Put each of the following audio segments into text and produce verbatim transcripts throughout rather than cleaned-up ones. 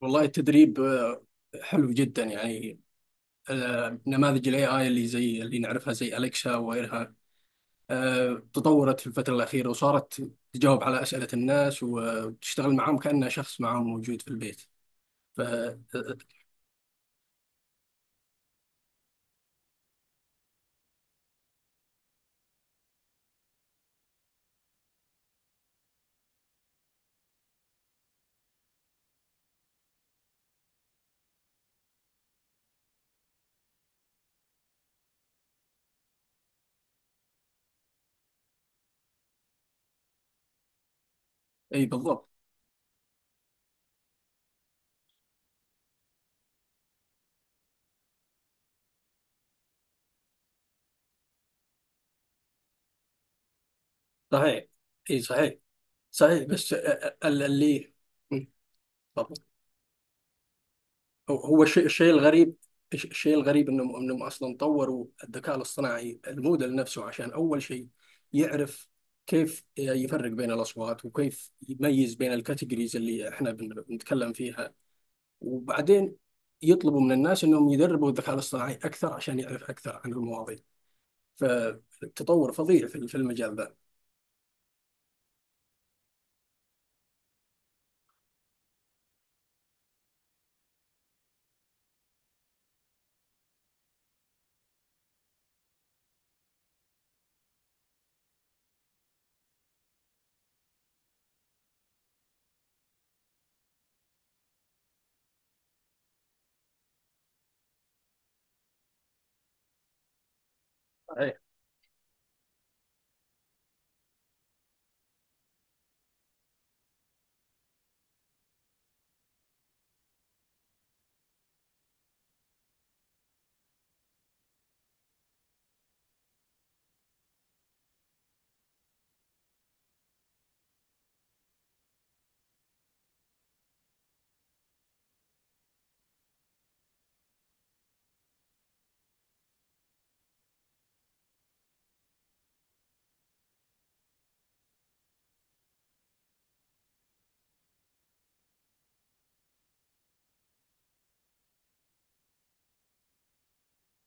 والله التدريب آه، حلو جدا يعني. آه، نماذج الاي اي اللي زي اللي نعرفها زي اليكسا وغيرها، آه، تطورت في الفترة الأخيرة وصارت تجاوب على أسئلة الناس وتشتغل معهم كأنه شخص معهم موجود في البيت. ف آه، أي بالضبط. صحيح، أي صحيح. صحيح، بس آه، آه، اللي مم. تفضل. هو هو الشيء الشيء الغريب، الش- الشيء الغريب انهم انهم اصلا طوروا الذكاء الاصطناعي الموديل نفسه، عشان اول شيء يعرف كيف يفرق بين الاصوات وكيف يميز بين الكاتيجوريز اللي احنا بن- بنتكلم فيها، وبعدين يطلبوا من الناس انهم يدربوا الذكاء الاصطناعي اكثر عشان يعرف اكثر عن المواضيع. فتطور فظيع في في المجال ذا. صحيح.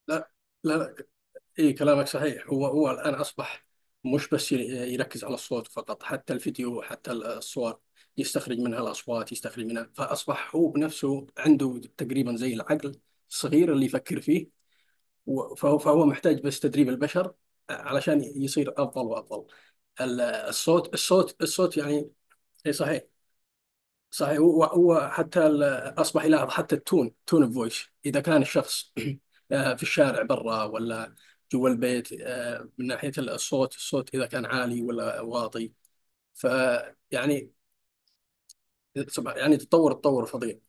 لا لا لا، اي كلامك صحيح. هو هو الان اصبح مش بس ي- يركز على الصوت فقط، حتى الفيديو، حتى ال- الصور يستخرج منها الاصوات، يستخرج منها، فاصبح هو بنفسه عنده تقريبا زي العقل الصغير اللي يفكر فيه. و- فهو فهو محتاج بس تدريب البشر علشان يصير افضل وافضل. ال- الصوت الصوت الصوت يعني. اي صحيح. صحيح، هو هو حتى ال- اصبح يلاحظ حتى التون تون الفويس، اذا كان الشخص آه، في الشارع برا ولا جوا البيت، آه، من ناحيه الصوت، الصوت اذا كان عالي ولا واطي. فيعني، يعني يعني تطور تطور فظيع.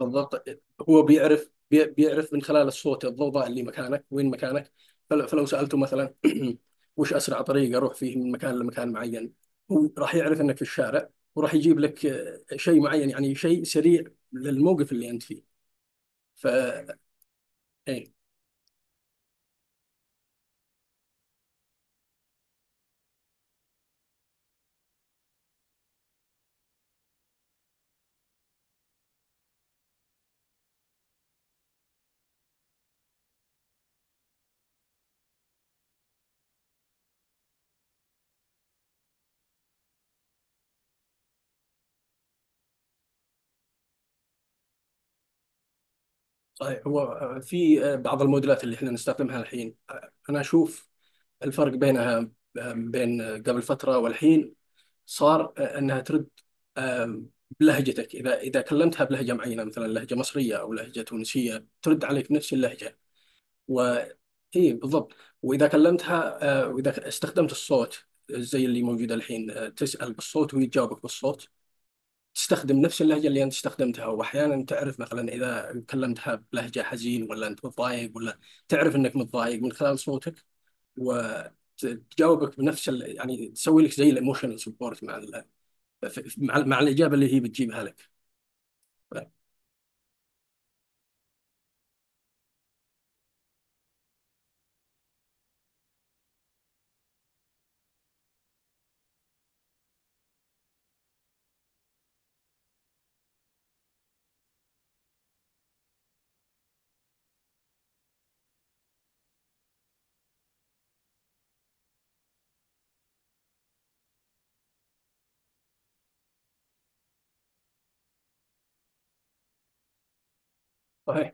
بالضبط. هو بيعرف، بي- بيعرف من خلال الصوت، الضوضاء اللي مكانك، وين مكانك. فل- فلو سألته مثلا وش أسرع طريق أروح فيه من مكان لمكان معين، هو راح يعرف أنك في الشارع وراح يجيب لك آه، شيء معين، يعني شيء سريع للموقف اللي أنت فيه. ف إيه، صحيح. هو آه، في آه، بعض الموديلات اللي احنا نستخدمها الحين، آه، أنا أشوف الفرق بينها آه، بين آه، قبل فترة والحين. صار آه، انها ترد آم، بلهجتك، اذا اذا كلمتها بلهجه معينه، مثلا لهجه مصريه او لهجه تونسيه، ترد عليك بنفس اللهجه. و اي بالضبط. واذا كلمتها آه، واذا استخدمت الصوت زي اللي موجود الحين، آه، تسال بالصوت ويجاوبك بالصوت، تستخدم نفس اللهجه اللي انت استخدمتها. واحيانا تعرف مثلا اذا كلمتها بلهجه حزين ولا انت متضايق، ولا تعرف انك متضايق من خلال صوتك وتجاوبك بنفس ال... يعني تسوي لك زي الايموشنال سبورت مع ال... في- في- مع مع الإجابة اللي هي بتجيبها لك. صحيح.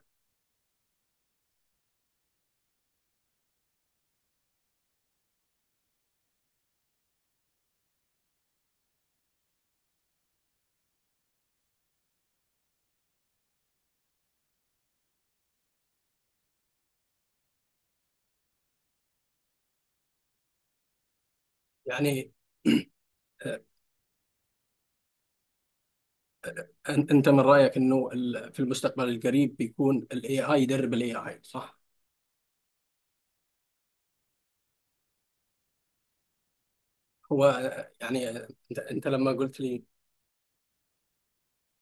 يعني آه، أن- أنت من رأيك أنه ال- في المستقبل القريب بيكون ال A I يدرب ال A I، صح؟ هو يعني أنت أنت لما قلت لي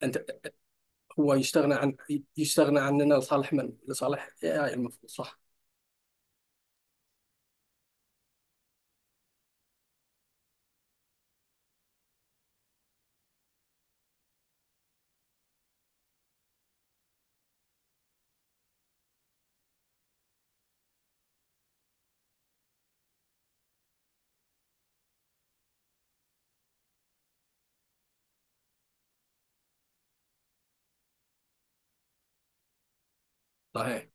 أنت، هو يستغنى عن، يستغنى عننا لصالح من؟ لصالح إيه آي المفروض، صح؟ صحيح.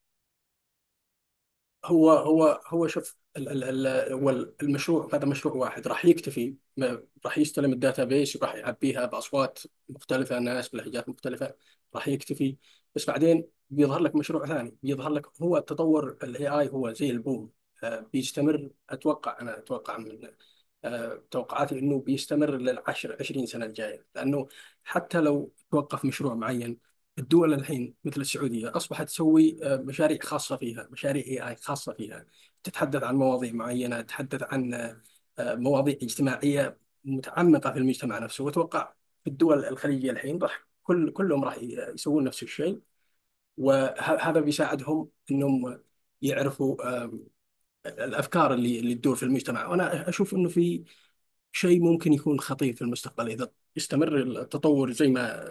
هو هو هو شوف ال- ال- ال- هو المشروع هذا مشروع واحد، راح يكتفي، ما- راح يستلم الداتا بيس وراح يعبيها باصوات مختلفه، ناس بلهجات مختلفه، راح يكتفي. بس بعدين بيظهر لك مشروع ثاني، بيظهر لك، هو تطور الاي اي هو زي البوم، آه، بيستمر. اتوقع، انا اتوقع من آه، توقعاتي انه بيستمر للعشر عشرين سنه الجايه، لانه حتى لو توقف مشروع معين، الدول الحين مثل السعوديه اصبحت تسوي آه، مشاريع خاصه فيها، مشاريع اي اي خاصه فيها، تتحدث عن مواضيع معينه، تتحدث عن آه، آه، مواضيع اجتماعيه متعمقه في المجتمع نفسه. واتوقع في الدول الخليجيه الحين راح كل كلهم راح يسوون نفس الشيء. وهذا بيساعدهم انهم يعرفوا آه، الافكار اللي اللي تدور في المجتمع. وانا اشوف انه في شيء ممكن يكون خطير في المستقبل إذا استمر التطور زي ما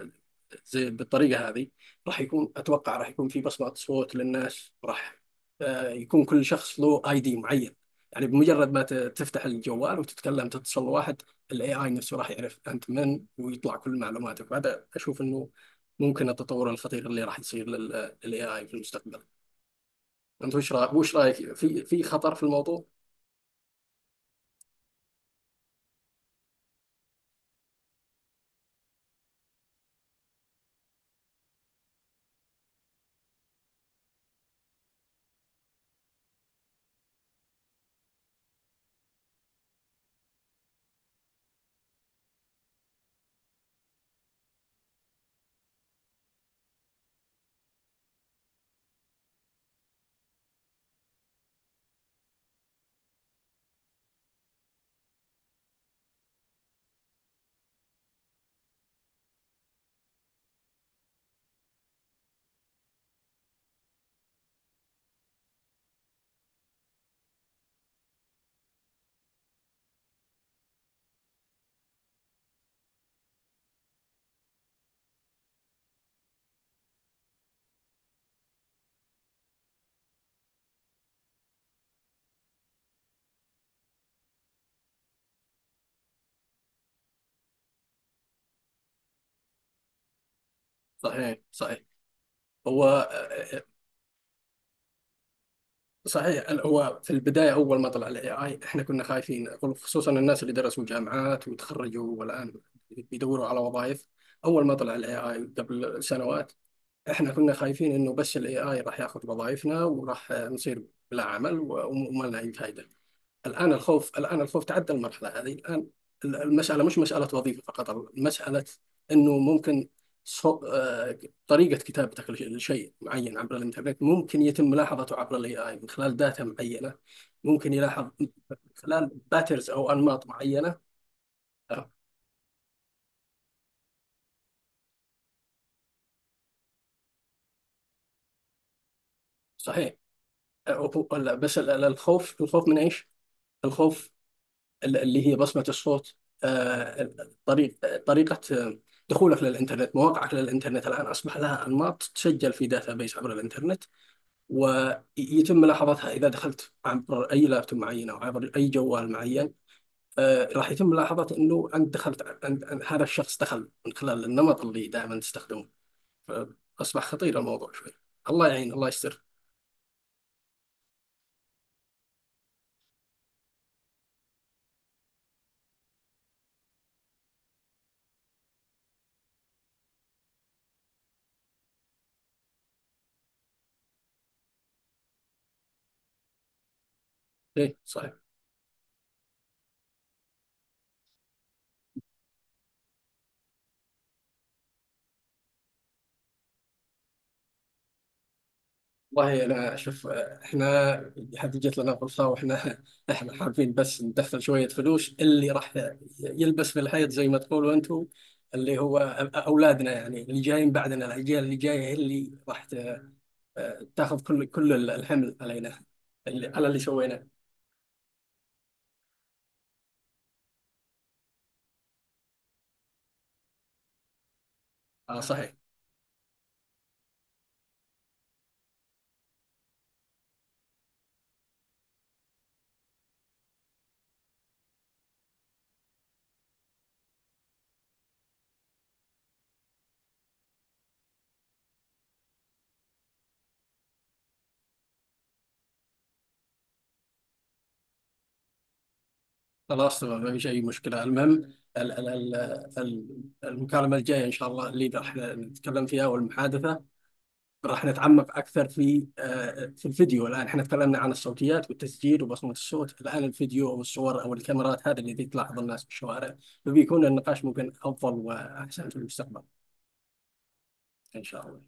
زي بالطريقة هذه. راح يكون، أتوقع راح يكون في بصمة صوت للناس، راح آه، يكون كل شخص له اي دي معين. يعني بمجرد ما ت- تفتح الجوال وتتكلم، تتصل واحد، الاي اي نفسه راح يعرف انت من ويطلع كل معلوماتك. بعد اشوف انه ممكن التطور الخطير اللي راح يصير للاي اي في المستقبل. انت وش رأ- وش رايك في في خطر في الموضوع؟ صحيح صحيح. هو آه، صحيح. ال- هو في البداية أول ما طلع ال إيه آي إحنا كنا خايفين، خصوصا الناس اللي درسوا جامعات وتخرجوا والآن بيدوروا على وظائف. أول ما طلع ال A I قبل سنوات، إحنا كنا خايفين إنه بس ال إيه آي راح ياخذ وظائفنا وراح نصير بلا عمل و- وما لنا أي فائدة. الآن الخوف الآن الخوف تعدى المرحلة هذه الآن. المسألة مش مسألة وظيفة فقط، المسألة أنه ممكن صو... آه، طريقة كتابتك لش- لشيء معين عبر الإنترنت ممكن يتم ملاحظته عبر ال A I من خلال داتا معينة. ممكن يلاحظ من خلال باترز أو أنماط معينة. آه، صحيح. آه، هو- لا، بس ال- ال- الخوف، الخوف من إيش؟ الخوف اللي هي بصمة الصوت، آه، طريق طريقة دخولك للإنترنت، مواقعك للإنترنت، الآن أصبح لها أنماط تسجل في داتابيس عبر الإنترنت، ويتم ملاحظتها إذا دخلت عبر أي لابتوب معين أو عبر أي جوال معين. آه، راح يتم ملاحظة أنه أنت دخلت، أنت أنت- هذا الشخص دخل من خلال النمط اللي دائما تستخدمه. أصبح خطير الموضوع شوي. الله يعين، الله يستر. إيه صحيح. والله انا شوف احنا هذه جت لنا فرصه واحنا احنا حابين بس ندخل شويه فلوس. اللي راح يلبس في الحيط زي ما تقولوا انتم، اللي هو أ- اولادنا، يعني اللي جايين بعدنا، الاجيال اللي جايه هي اللي راح ت- تاخذ كل كل الحمل علينا، اللي على اللي سويناه. اه صحيح. خلاص تمام، ما فيش اي مشكله. المهم ال- ال- ال- ال- المكالمه الجايه ان شاء الله اللي راح نتكلم فيها، والمحادثه راح نتعمق أكثر في آه، في الفيديو. الآن احنا تكلمنا عن الصوتيات والتسجيل وبصمة الصوت، الآن الفيديو أو الصور أو الكاميرات، هذا اللي تلاحظ الناس في الشوارع. فبيكون النقاش ممكن أفضل وأحسن في المستقبل إن شاء الله.